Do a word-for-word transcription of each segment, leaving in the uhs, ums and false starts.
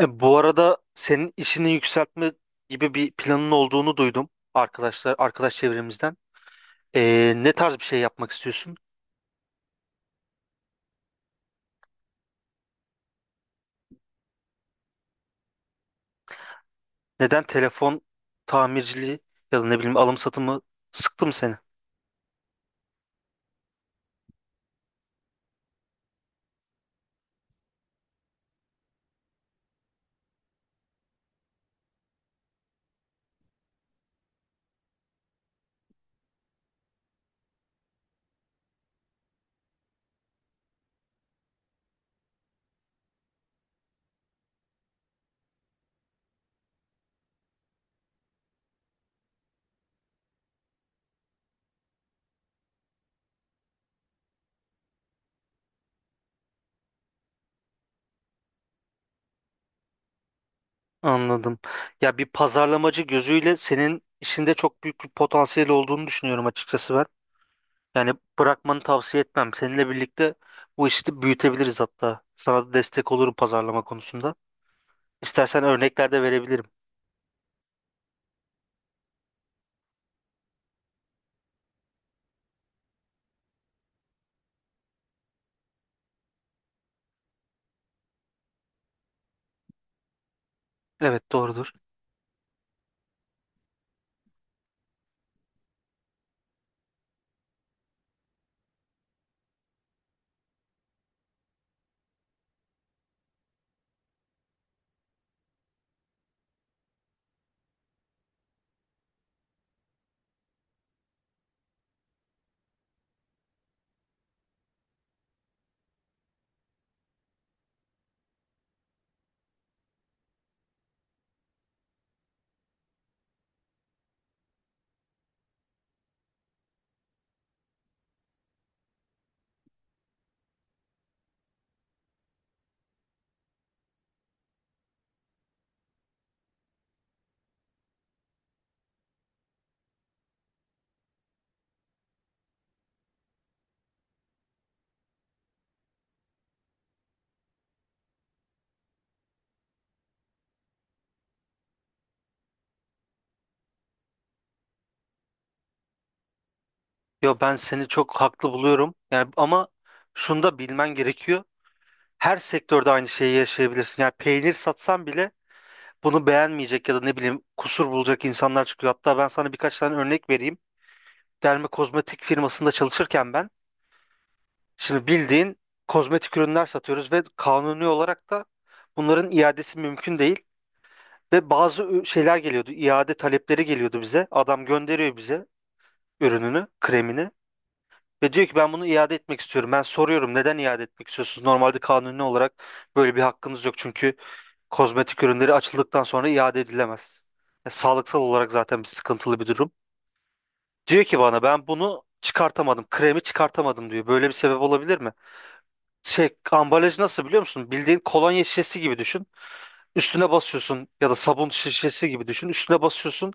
E, bu arada senin işini yükseltme gibi bir planın olduğunu duydum arkadaşlar arkadaş çevremizden. E, ne tarz bir şey yapmak istiyorsun? Neden telefon tamirciliği ya da ne bileyim alım satımı sıktı mı seni? Anladım. Ya bir pazarlamacı gözüyle senin işinde çok büyük bir potansiyel olduğunu düşünüyorum açıkçası ben. Yani bırakmanı tavsiye etmem. Seninle birlikte bu işi büyütebiliriz hatta. Sana da destek olurum pazarlama konusunda. İstersen örnekler de verebilirim. Evet doğrudur. Yo ben seni çok haklı buluyorum. Yani ama şunu da bilmen gerekiyor. Her sektörde aynı şeyi yaşayabilirsin. Yani peynir satsan bile bunu beğenmeyecek ya da ne bileyim kusur bulacak insanlar çıkıyor. Hatta ben sana birkaç tane örnek vereyim. Derme kozmetik firmasında çalışırken ben şimdi bildiğin kozmetik ürünler satıyoruz ve kanuni olarak da bunların iadesi mümkün değil. Ve bazı ü- şeyler geliyordu. İade talepleri geliyordu bize. Adam gönderiyor bize ürününü, kremini. Ve diyor ki ben bunu iade etmek istiyorum. Ben soruyorum neden iade etmek istiyorsunuz? Normalde kanuni olarak böyle bir hakkınız yok. Çünkü kozmetik ürünleri açıldıktan sonra iade edilemez. Ya, sağlıksal olarak zaten bir sıkıntılı bir durum. Diyor ki bana ben bunu çıkartamadım. Kremi çıkartamadım diyor. Böyle bir sebep olabilir mi? Şey ambalaj nasıl biliyor musun? Bildiğin kolonya şişesi gibi düşün. Üstüne basıyorsun ya da sabun şişesi gibi düşün. Üstüne basıyorsun.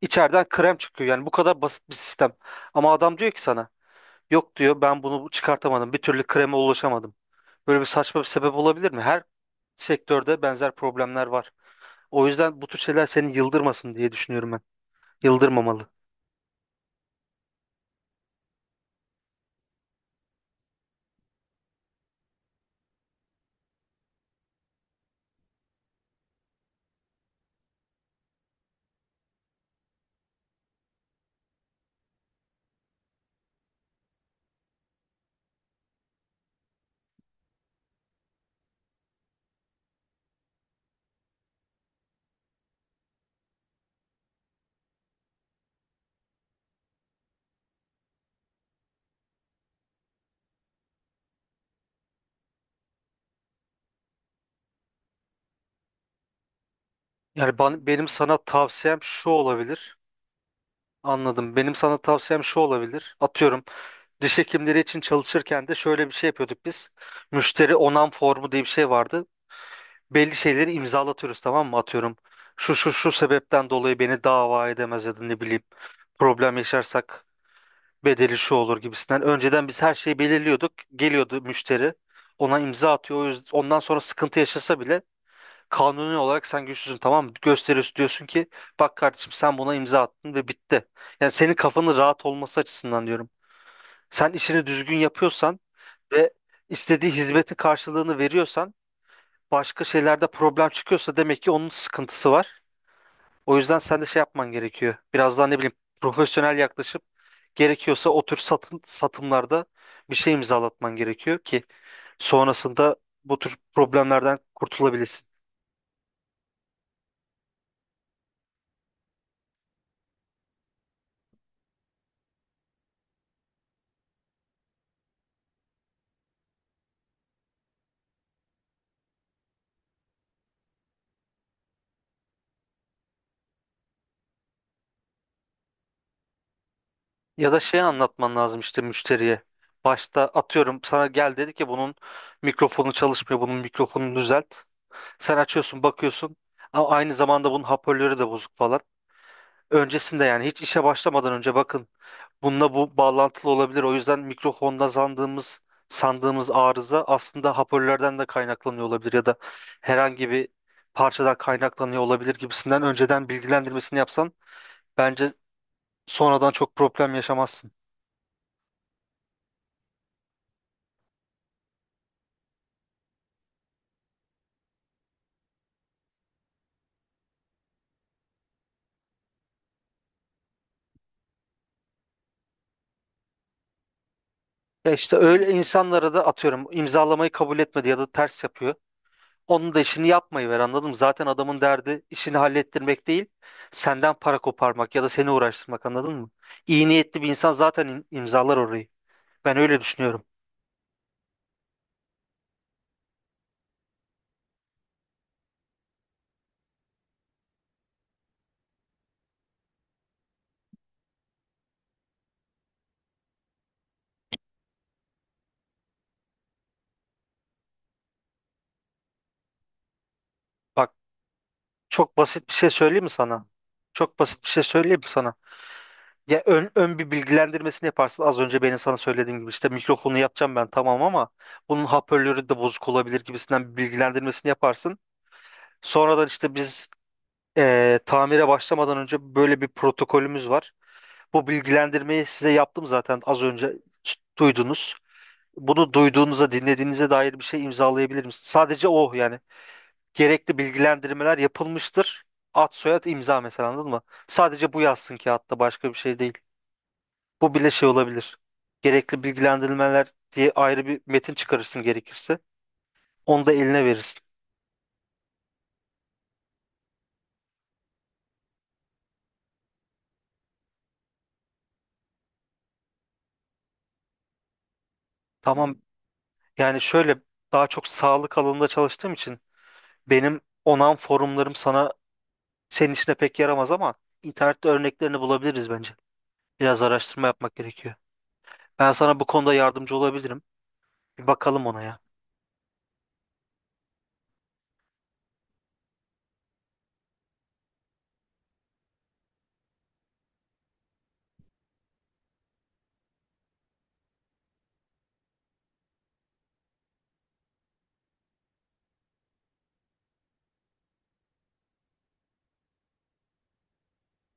İçeriden krem çıkıyor. Yani bu kadar basit bir sistem. Ama adam diyor ki sana yok diyor ben bunu çıkartamadım. Bir türlü kreme ulaşamadım. Böyle bir saçma bir sebep olabilir mi? Her sektörde benzer problemler var. O yüzden bu tür şeyler seni yıldırmasın diye düşünüyorum ben. Yıldırmamalı. Yani ben, benim sana tavsiyem şu olabilir. Anladım. Benim sana tavsiyem şu olabilir. Atıyorum diş hekimleri için çalışırken de şöyle bir şey yapıyorduk biz. Müşteri onam formu diye bir şey vardı. Belli şeyleri imzalatıyoruz tamam mı? Atıyorum şu şu şu sebepten dolayı beni dava edemez ya da ne bileyim problem yaşarsak bedeli şu olur gibisinden. Önceden biz her şeyi belirliyorduk. Geliyordu müşteri. Ona imza atıyor. O yüzden, ondan sonra sıkıntı yaşasa bile kanuni olarak sen güçlüsün tamam mı? Gösteriyorsun diyorsun ki bak kardeşim sen buna imza attın ve bitti. Yani senin kafanın rahat olması açısından diyorum. Sen işini düzgün yapıyorsan ve istediği hizmetin karşılığını veriyorsan başka şeylerde problem çıkıyorsa demek ki onun sıkıntısı var. O yüzden sen de şey yapman gerekiyor. Biraz daha ne bileyim profesyonel yaklaşıp gerekiyorsa o tür satın, satımlarda bir şey imzalatman gerekiyor ki sonrasında bu tür problemlerden kurtulabilesin. Ya da şey anlatman lazım işte müşteriye. Başta atıyorum sana gel dedi ki bunun mikrofonu çalışmıyor, bunun mikrofonunu düzelt. Sen açıyorsun, bakıyorsun. Ama aynı zamanda bunun hoparlörü de bozuk falan. Öncesinde yani hiç işe başlamadan önce bakın. Bununla bu bağlantılı olabilir. O yüzden mikrofonda sandığımız sandığımız arıza aslında hoparlörlerden de kaynaklanıyor olabilir ya da herhangi bir parçadan kaynaklanıyor olabilir gibisinden önceden bilgilendirmesini yapsan bence sonradan çok problem yaşamazsın. Ya işte öyle insanlara da atıyorum imzalamayı kabul etmedi ya da ters yapıyor. Onun da işini yapmayı ver anladın mı? Zaten adamın derdi işini hallettirmek değil, senden para koparmak ya da seni uğraştırmak anladın mı? İyi niyetli bir insan zaten im- imzalar orayı. Ben öyle düşünüyorum. Bak Çok basit bir şey söyleyeyim mi sana? Çok basit bir şey söyleyeyim mi sana? Ya ön, ön bir bilgilendirmesini yaparsın. Az önce benim sana söylediğim gibi işte mikrofonu yapacağım ben tamam ama bunun hoparlörü de bozuk olabilir gibisinden bir bilgilendirmesini yaparsın. Sonradan işte biz eee, tamire başlamadan önce böyle bir protokolümüz var. Bu bilgilendirmeyi size yaptım zaten az önce duydunuz. Bunu duyduğunuza, dinlediğinize dair bir şey imzalayabilir misiniz? Sadece o yani gerekli bilgilendirmeler yapılmıştır. Ad soyad imza mesela anladın mı? Sadece bu yazsın ki hatta başka bir şey değil. Bu bile şey olabilir. Gerekli bilgilendirmeler diye ayrı bir metin çıkarırsın gerekirse. Onu da eline verirsin. Tamam. Hmm. Yani şöyle daha çok sağlık alanında çalıştığım için benim onan forumlarım sana senin işine pek yaramaz ama internette örneklerini bulabiliriz bence. Biraz araştırma yapmak gerekiyor. Ben sana bu konuda yardımcı olabilirim. Bir bakalım ona ya.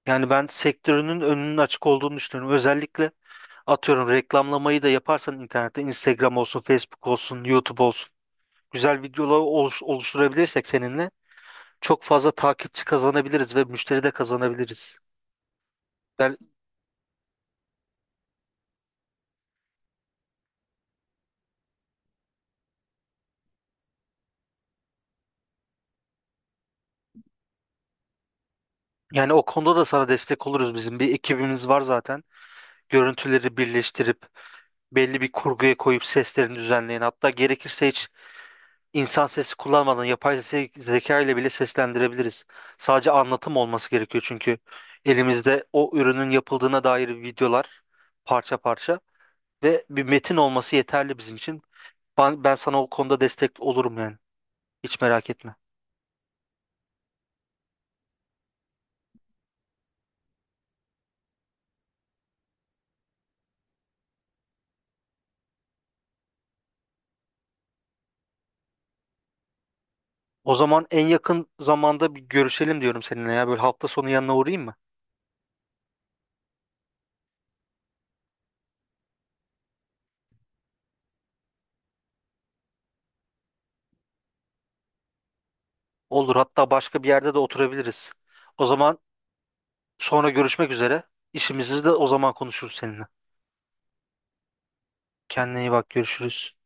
Yani ben sektörünün önünün açık olduğunu düşünüyorum. Özellikle atıyorum reklamlamayı da yaparsan internette Instagram olsun, Facebook olsun, YouTube olsun güzel videolar oluş- oluşturabilirsek seninle çok fazla takipçi kazanabiliriz ve müşteri de kazanabiliriz. Ben, Yani o konuda da sana destek oluruz. Bizim bir ekibimiz var zaten. Görüntüleri birleştirip belli bir kurguya koyup seslerini düzenleyen hatta gerekirse hiç İnsan sesi kullanmadan yapay ze- zeka ile bile seslendirebiliriz. Sadece anlatım olması gerekiyor çünkü elimizde o ürünün yapıldığına dair videolar parça parça ve bir metin olması yeterli bizim için. Ben, ben sana o konuda destek olurum yani. Hiç merak etme. O zaman en yakın zamanda bir görüşelim diyorum seninle ya. Böyle hafta sonu yanına uğrayayım mı? Olur. Hatta başka bir yerde de oturabiliriz. O zaman sonra görüşmek üzere. İşimizi de o zaman konuşuruz seninle. Kendine iyi bak. Görüşürüz.